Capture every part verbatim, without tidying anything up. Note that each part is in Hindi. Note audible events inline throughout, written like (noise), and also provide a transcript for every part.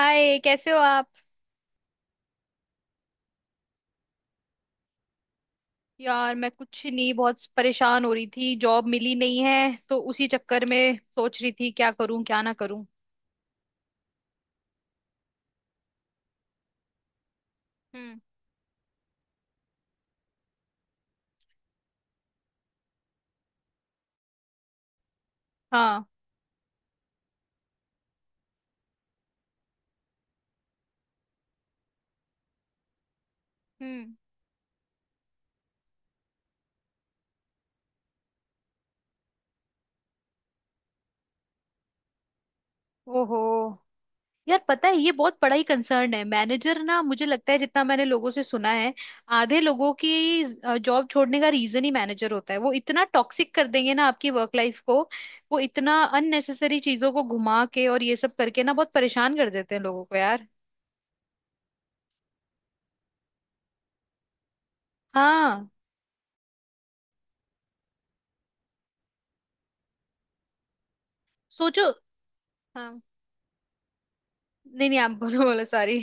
हाय, कैसे हो आप। यार मैं कुछ नहीं, बहुत परेशान हो रही थी। जॉब मिली नहीं है तो उसी चक्कर में सोच रही थी क्या करूं क्या ना करूं। हम्म। हाँ। हम्म। ओहो। यार पता है, ये बहुत बड़ा ही कंसर्न है मैनेजर। ना मुझे लगता है जितना मैंने लोगों से सुना है, आधे लोगों की जॉब छोड़ने का रीजन ही मैनेजर होता है। वो इतना टॉक्सिक कर देंगे ना आपकी वर्क लाइफ को। वो इतना अननेसेसरी चीजों को घुमा के और ये सब करके ना बहुत परेशान कर देते हैं लोगों को, यार। हाँ, सोचो। हाँ, नहीं नहीं आप बोलो बोलो, सॉरी।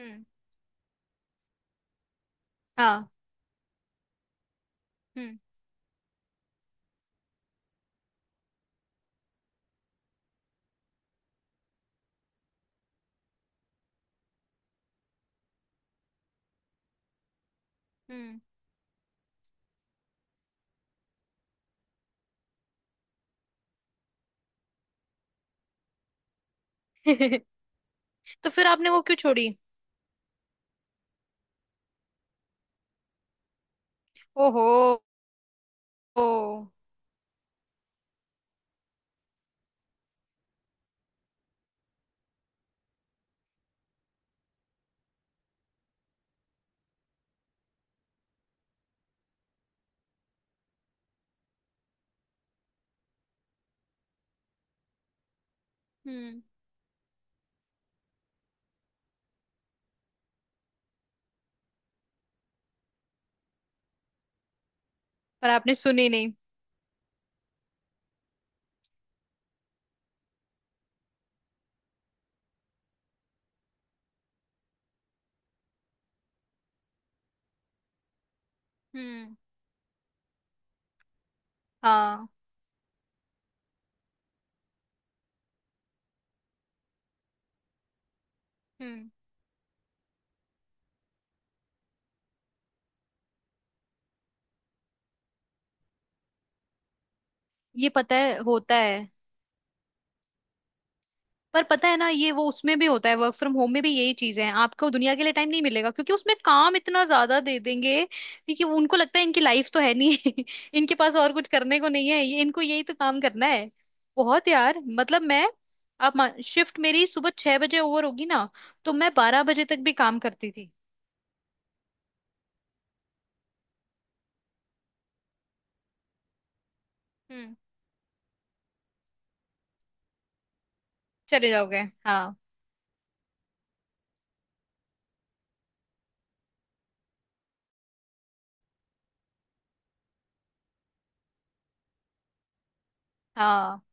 हम्म। हाँ। हम्म। हम्म। (laughs) तो फिर आपने वो क्यों छोड़ी। ओहो। ओ। हम्म। पर आपने सुनी नहीं। हम्म। हाँ। हम्म। ये पता है, होता है। पर पता है ना, ये वो उसमें भी होता है, वर्क फ्रॉम होम में भी यही चीजें हैं। आपको दुनिया के लिए टाइम नहीं मिलेगा क्योंकि उसमें काम इतना ज्यादा दे देंगे कि वो, उनको लगता है इनकी लाइफ तो है नहीं (laughs) इनके पास और कुछ करने को नहीं है, ये इनको यही तो काम करना है। बहुत यार, मतलब मैं, आप, शिफ्ट मेरी सुबह छह बजे ओवर होगी ना, तो मैं बारह बजे तक भी काम करती थी। हम्म। चले जाओगे। हाँ। हाँ।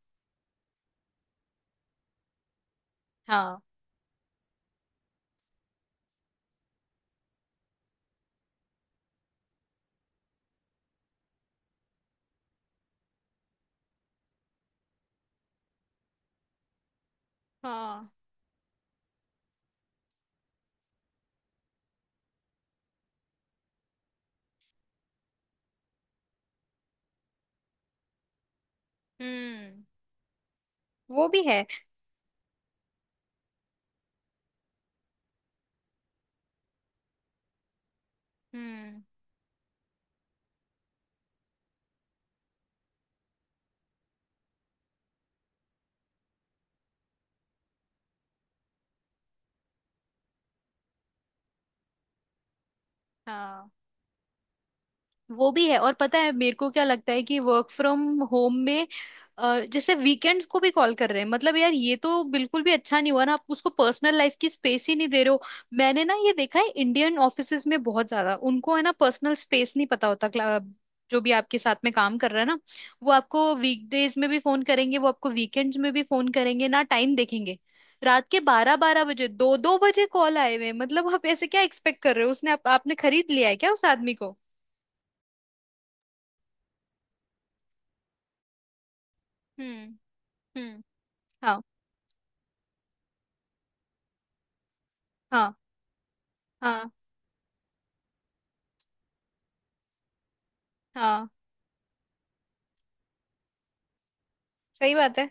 हाँ। हाँ। हम्म। वो भी है। हम्म। हाँ। वो भी है। और पता है मेरे को क्या लगता है कि वर्क फ्रॉम होम में अ, जैसे वीकेंड्स को भी कॉल कर रहे हैं। मतलब यार, ये तो बिल्कुल भी अच्छा नहीं हुआ ना, आप उसको पर्सनल लाइफ की स्पेस ही नहीं दे रहे हो। मैंने ना ये देखा है, इंडियन ऑफिसेज में बहुत ज्यादा, उनको है ना पर्सनल स्पेस नहीं पता होता। क्ला- जो भी आपके साथ में काम कर रहा है ना, वो आपको वीकडेज में भी फोन करेंगे, वो आपको वीकेंड्स में भी फोन करेंगे। ना टाइम देखेंगे, रात के बारह बारह बजे, दो दो बजे कॉल आए हुए हैं। मतलब आप ऐसे क्या एक्सपेक्ट कर रहे हो उसने, आप, आपने खरीद लिया है क्या उस आदमी को। हम्म। हम्म। हाँ। हाँ। हाँ। हाँ। सही बात है।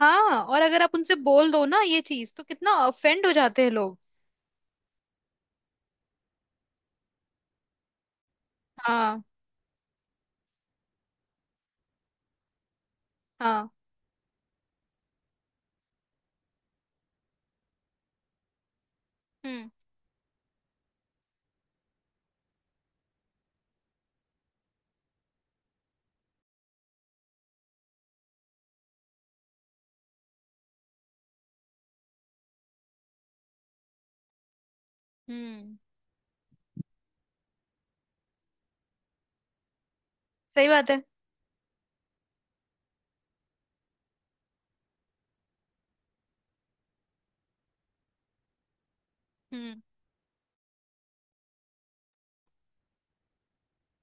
हाँ, और अगर आप उनसे बोल दो ना ये चीज, तो कितना ऑफेंड हो जाते हैं लोग। हाँ। हाँ। हम्म। हम्म। सही बात है। हम्म।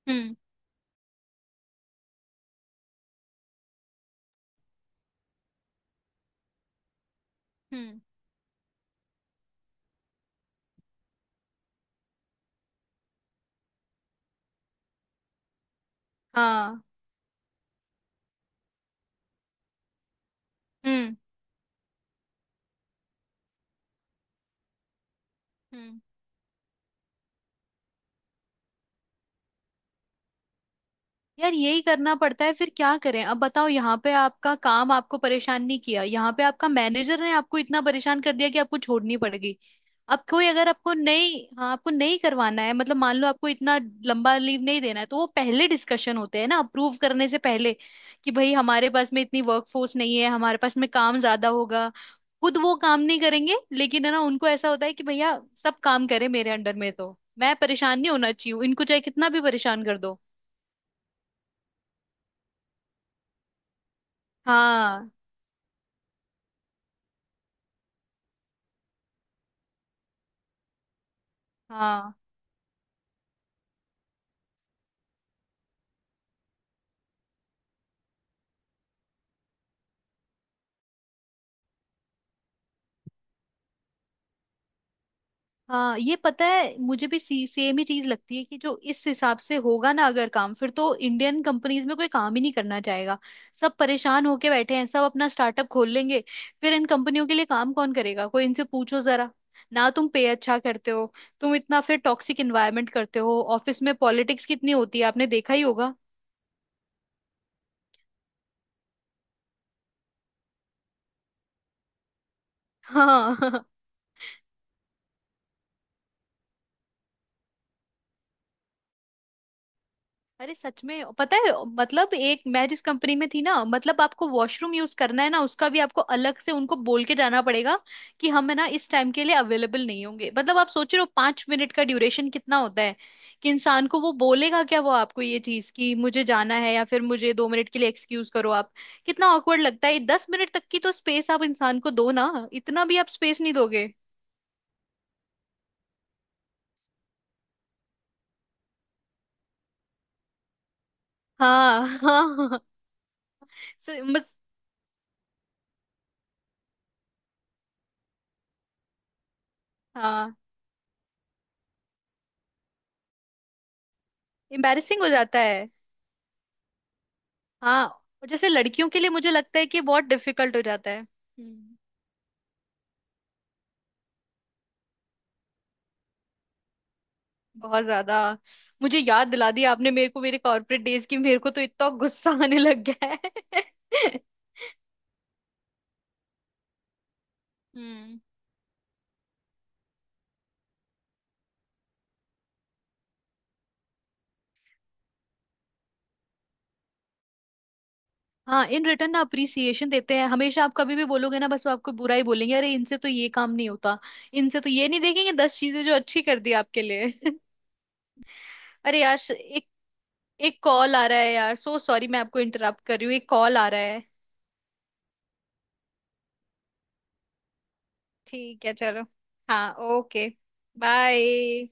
हम्म। हम्म। हाँ। हम्म। हम्म। यार, यही करना पड़ता है। फिर क्या करें, अब बताओ। यहाँ पे आपका काम आपको परेशान नहीं किया, यहाँ पे आपका मैनेजर ने आपको इतना परेशान कर दिया कि आपको छोड़नी पड़ गई। अब कोई अगर आपको नहीं, हाँ आपको नहीं करवाना है, मतलब मान लो आपको इतना लंबा लीव नहीं देना है, तो वो पहले डिस्कशन होते हैं ना अप्रूव करने से पहले कि भाई हमारे पास में इतनी वर्कफोर्स नहीं है, हमारे पास में काम ज्यादा होगा। खुद वो काम नहीं करेंगे, लेकिन है ना, उनको ऐसा होता है कि भैया सब काम करें मेरे अंडर में, तो मैं परेशान नहीं होना चाहिए इनको, चाहे कितना भी परेशान कर दो। हाँ। हाँ। हाँ, ये पता है, मुझे भी सी, सेम ही चीज लगती है कि जो इस हिसाब से होगा ना अगर काम, फिर तो इंडियन कंपनीज में कोई काम ही नहीं करना चाहेगा। सब परेशान होके बैठे हैं, सब अपना स्टार्टअप खोल लेंगे। फिर इन कंपनियों के लिए काम कौन करेगा, कोई इनसे पूछो जरा। ना तुम पे अच्छा करते हो, तुम इतना फिर टॉक्सिक इन्वायरमेंट करते हो ऑफिस में। पॉलिटिक्स कितनी होती है आपने देखा ही होगा। हाँ। (laughs) अरे सच में पता है, मतलब एक मैं जिस कंपनी में थी ना, मतलब आपको वॉशरूम यूज करना है ना उसका भी आपको अलग से उनको बोल के जाना पड़ेगा कि हम है ना इस टाइम के लिए अवेलेबल नहीं होंगे। मतलब आप सोच रहे हो, पांच मिनट का ड्यूरेशन कितना होता है कि इंसान को वो बोलेगा क्या वो आपको ये चीज कि मुझे जाना है, या फिर मुझे दो मिनट के लिए एक्सक्यूज करो आप। कितना ऑकवर्ड लगता है, दस मिनट तक की तो स्पेस आप इंसान को दो ना। इतना भी आप स्पेस नहीं दोगे। हाँ। हाँ। हाँ, हाँ, हाँ, हाँ। इम्बेरसिंग हो जाता है। हाँ, और जैसे लड़कियों के लिए मुझे लगता है कि बहुत डिफिकल्ट हो जाता है। हम्म। बहुत ज्यादा। मुझे याद दिला दिया आपने मेरे को, मेरे कॉर्पोरेट डेज की। मेरे को तो इतना गुस्सा (laughs) आने लग गया है। (laughs) हम्म। हाँ, इन रिटर्न ना अप्रिसिएशन देते हैं हमेशा। आप कभी भी बोलोगे ना, बस वो आपको बुरा ही बोलेंगे। अरे इनसे तो ये काम नहीं होता, इनसे तो ये, नहीं देखेंगे दस चीजें जो अच्छी कर दी आपके लिए। (laughs) अरे यार एक एक कॉल आ रहा है यार, सो सॉरी मैं आपको इंटरप्ट कर रही हूँ, एक कॉल आ रहा है। ठीक है चलो। हाँ ओके, बाय।